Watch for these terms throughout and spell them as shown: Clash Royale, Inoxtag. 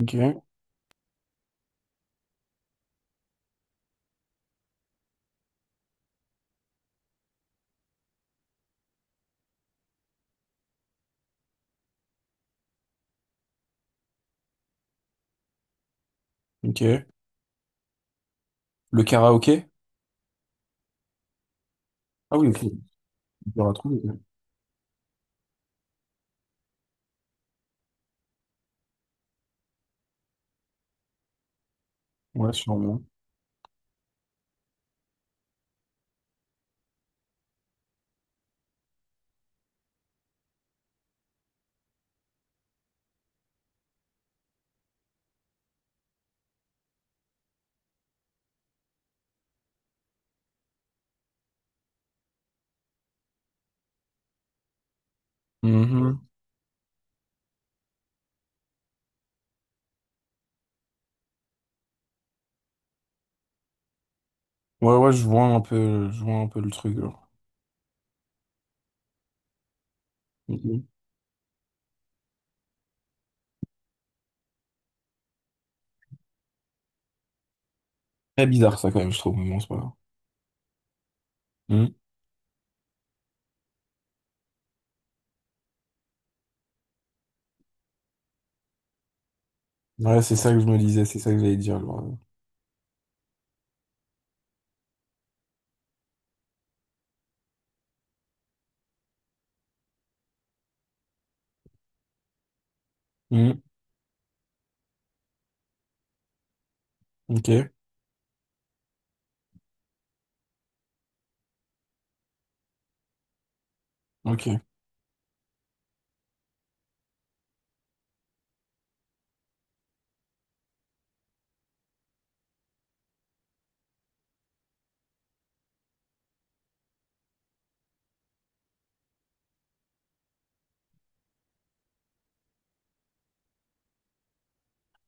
Ok, ok. Le karaoké? Ah oui, ok. C'est dur à trouver, ouais. Ouais, sûrement. Mhm. Ouais, ouais, je vois un peu, je vois un peu le truc. Mhm. Très bizarre, ça, quand même, je trouve, mais bon, c'est pas grave. Mhm. Ouais, c'est ça que je me disais, c'est ça que j'allais dire. Mhm. Ok. Ok,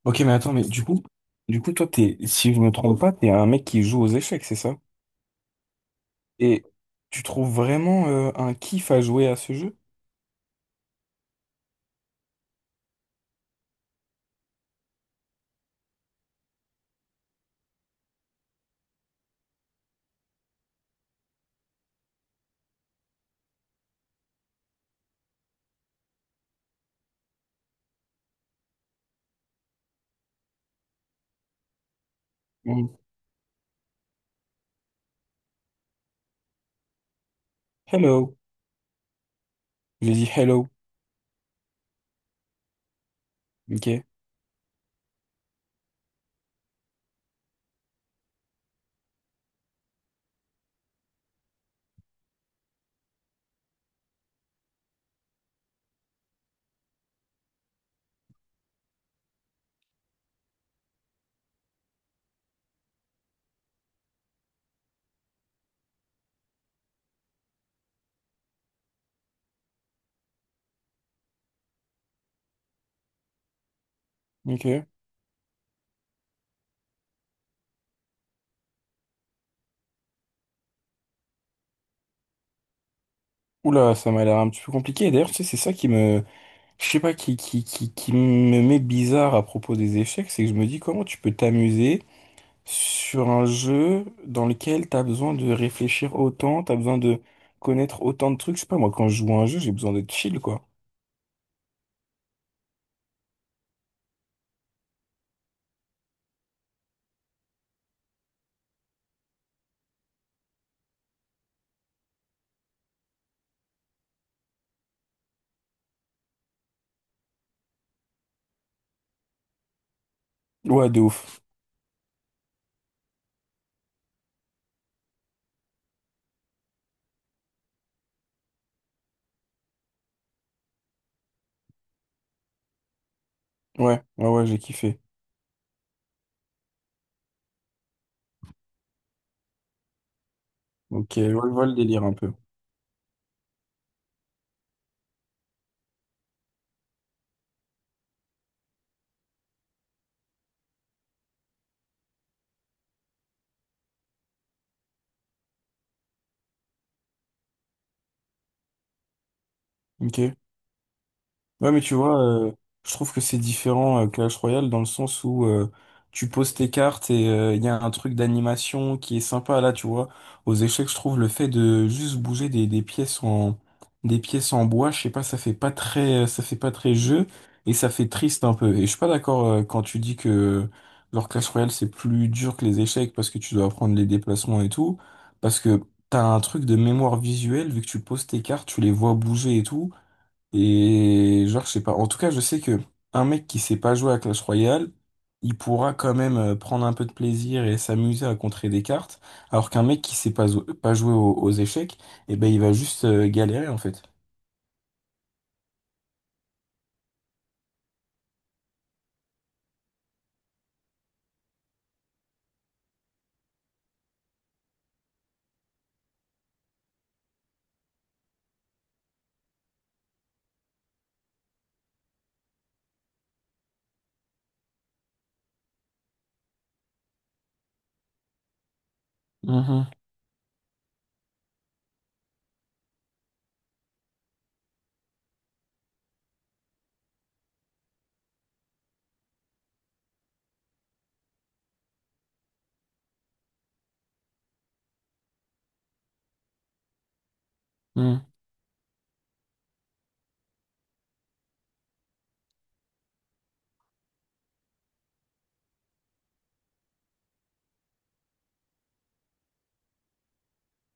Ok, mais attends, mais du coup, toi, t'es, si je me trompe pas, t'es un mec qui joue aux échecs, c'est ça? Et tu trouves vraiment un kiff à jouer à ce jeu? Mhm. Hello. J'ai dit hello. Ok, ok. Oula, ça m'a l'air un petit peu compliqué. Et d'ailleurs, tu sais, c'est ça qui me, je sais pas, qui me met bizarre à propos des échecs, c'est que je me dis comment tu peux t'amuser sur un jeu dans lequel t'as besoin de réfléchir autant, t'as besoin de connaître autant de trucs. Je sais pas, moi, quand je joue à un jeu, j'ai besoin d'être chill, quoi. Ouais, de ouf. Ouais, ouais, ouais, j'ai kiffé. Ok, je vois le délire un peu. Ok. Ouais, mais tu vois, je trouve que c'est différent Clash Royale dans le sens où tu poses tes cartes et il y a un truc d'animation qui est sympa là, tu vois. Aux échecs, je trouve le fait de juste bouger des pièces en des pièces en bois, je sais pas, ça fait pas très ça fait pas très jeu et ça fait triste un peu. Et je suis pas d'accord quand tu dis que leur Clash Royale c'est plus dur que les échecs parce que tu dois apprendre les déplacements et tout, parce que t'as un truc de mémoire visuelle vu que tu poses tes cartes, tu les vois bouger et tout. Et genre, je sais pas. En tout cas, je sais que un mec qui sait pas jouer à Clash Royale, il pourra quand même prendre un peu de plaisir et s'amuser à contrer des cartes, alors qu'un mec qui sait pas, pas jouer aux échecs, eh ben, il va juste galérer en fait. Mhm. mhm.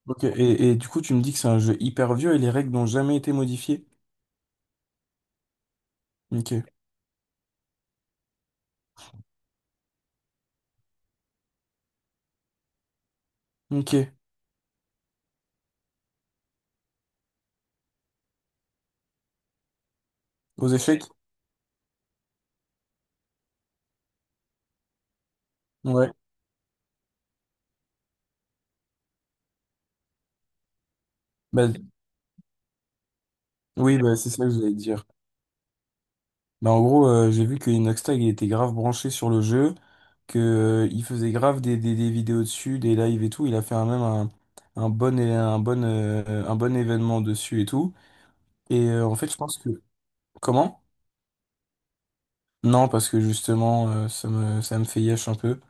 Ok. Et du coup, tu me dis que c'est un jeu hyper vieux et les règles n'ont jamais été modifiées. Ok. Ok. Aux échecs? Ouais. Bah oui, bah, c'est ça que j'allais dire. Bah, en gros, j'ai vu que Inoxtag il était grave branché sur le jeu, que il faisait grave des vidéos dessus, des lives et tout. Il a fait un, même un bon, un, bon, un bon événement dessus et tout. Et en fait, je pense que... Comment? Non, parce que justement, ça me fait yesh un peu.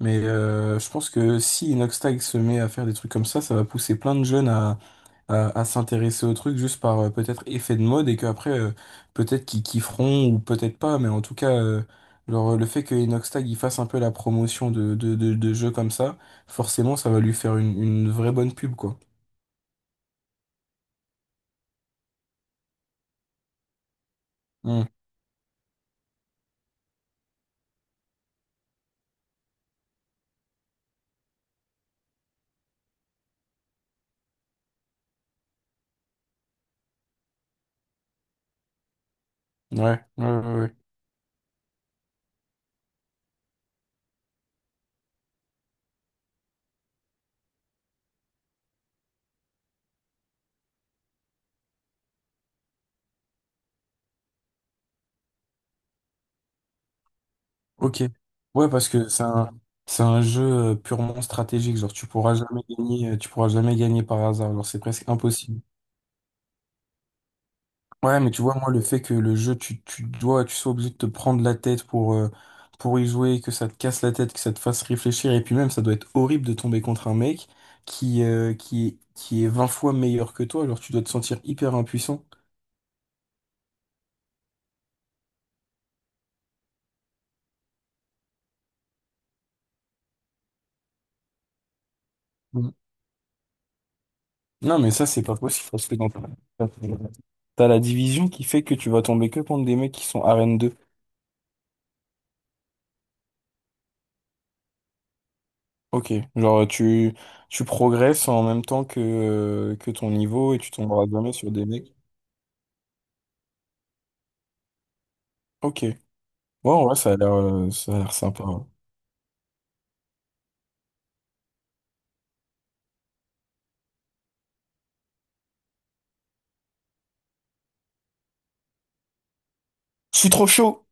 Mais je pense que si Inoxtag se met à faire des trucs comme ça va pousser plein de jeunes à s'intéresser au truc juste par peut-être effet de mode et qu'après peut-être qu'ils kifferont ou peut-être pas, mais en tout cas genre, le fait que Inox il fasse un peu la promotion de jeux comme ça forcément ça va lui faire une vraie bonne pub quoi. Hmm. Ouais, ouais, ouais, ouais. Ok, ouais, parce que c'est un jeu purement stratégique, genre tu pourras jamais gagner tu pourras jamais gagner par hasard, genre c'est presque impossible. Ouais, mais tu vois, moi, le fait que le jeu, tu dois, tu sois obligé de te prendre la tête pour y jouer, que ça te casse la tête, que ça te fasse réfléchir, et puis même, ça doit être horrible de tomber contre un mec qui, qui est 20 fois meilleur que toi, alors tu dois te sentir hyper impuissant. Mm. Non, mais ça, c'est pas possible, parce que dans t'as la division qui fait que tu vas tomber que contre des mecs qui sont arène 2. Ok, genre, tu progresses en même temps que ton niveau, et tu tomberas jamais sur des mecs. Ok. Ouais, ouais, ça a l'air sympa, hein. Je suis trop chaud.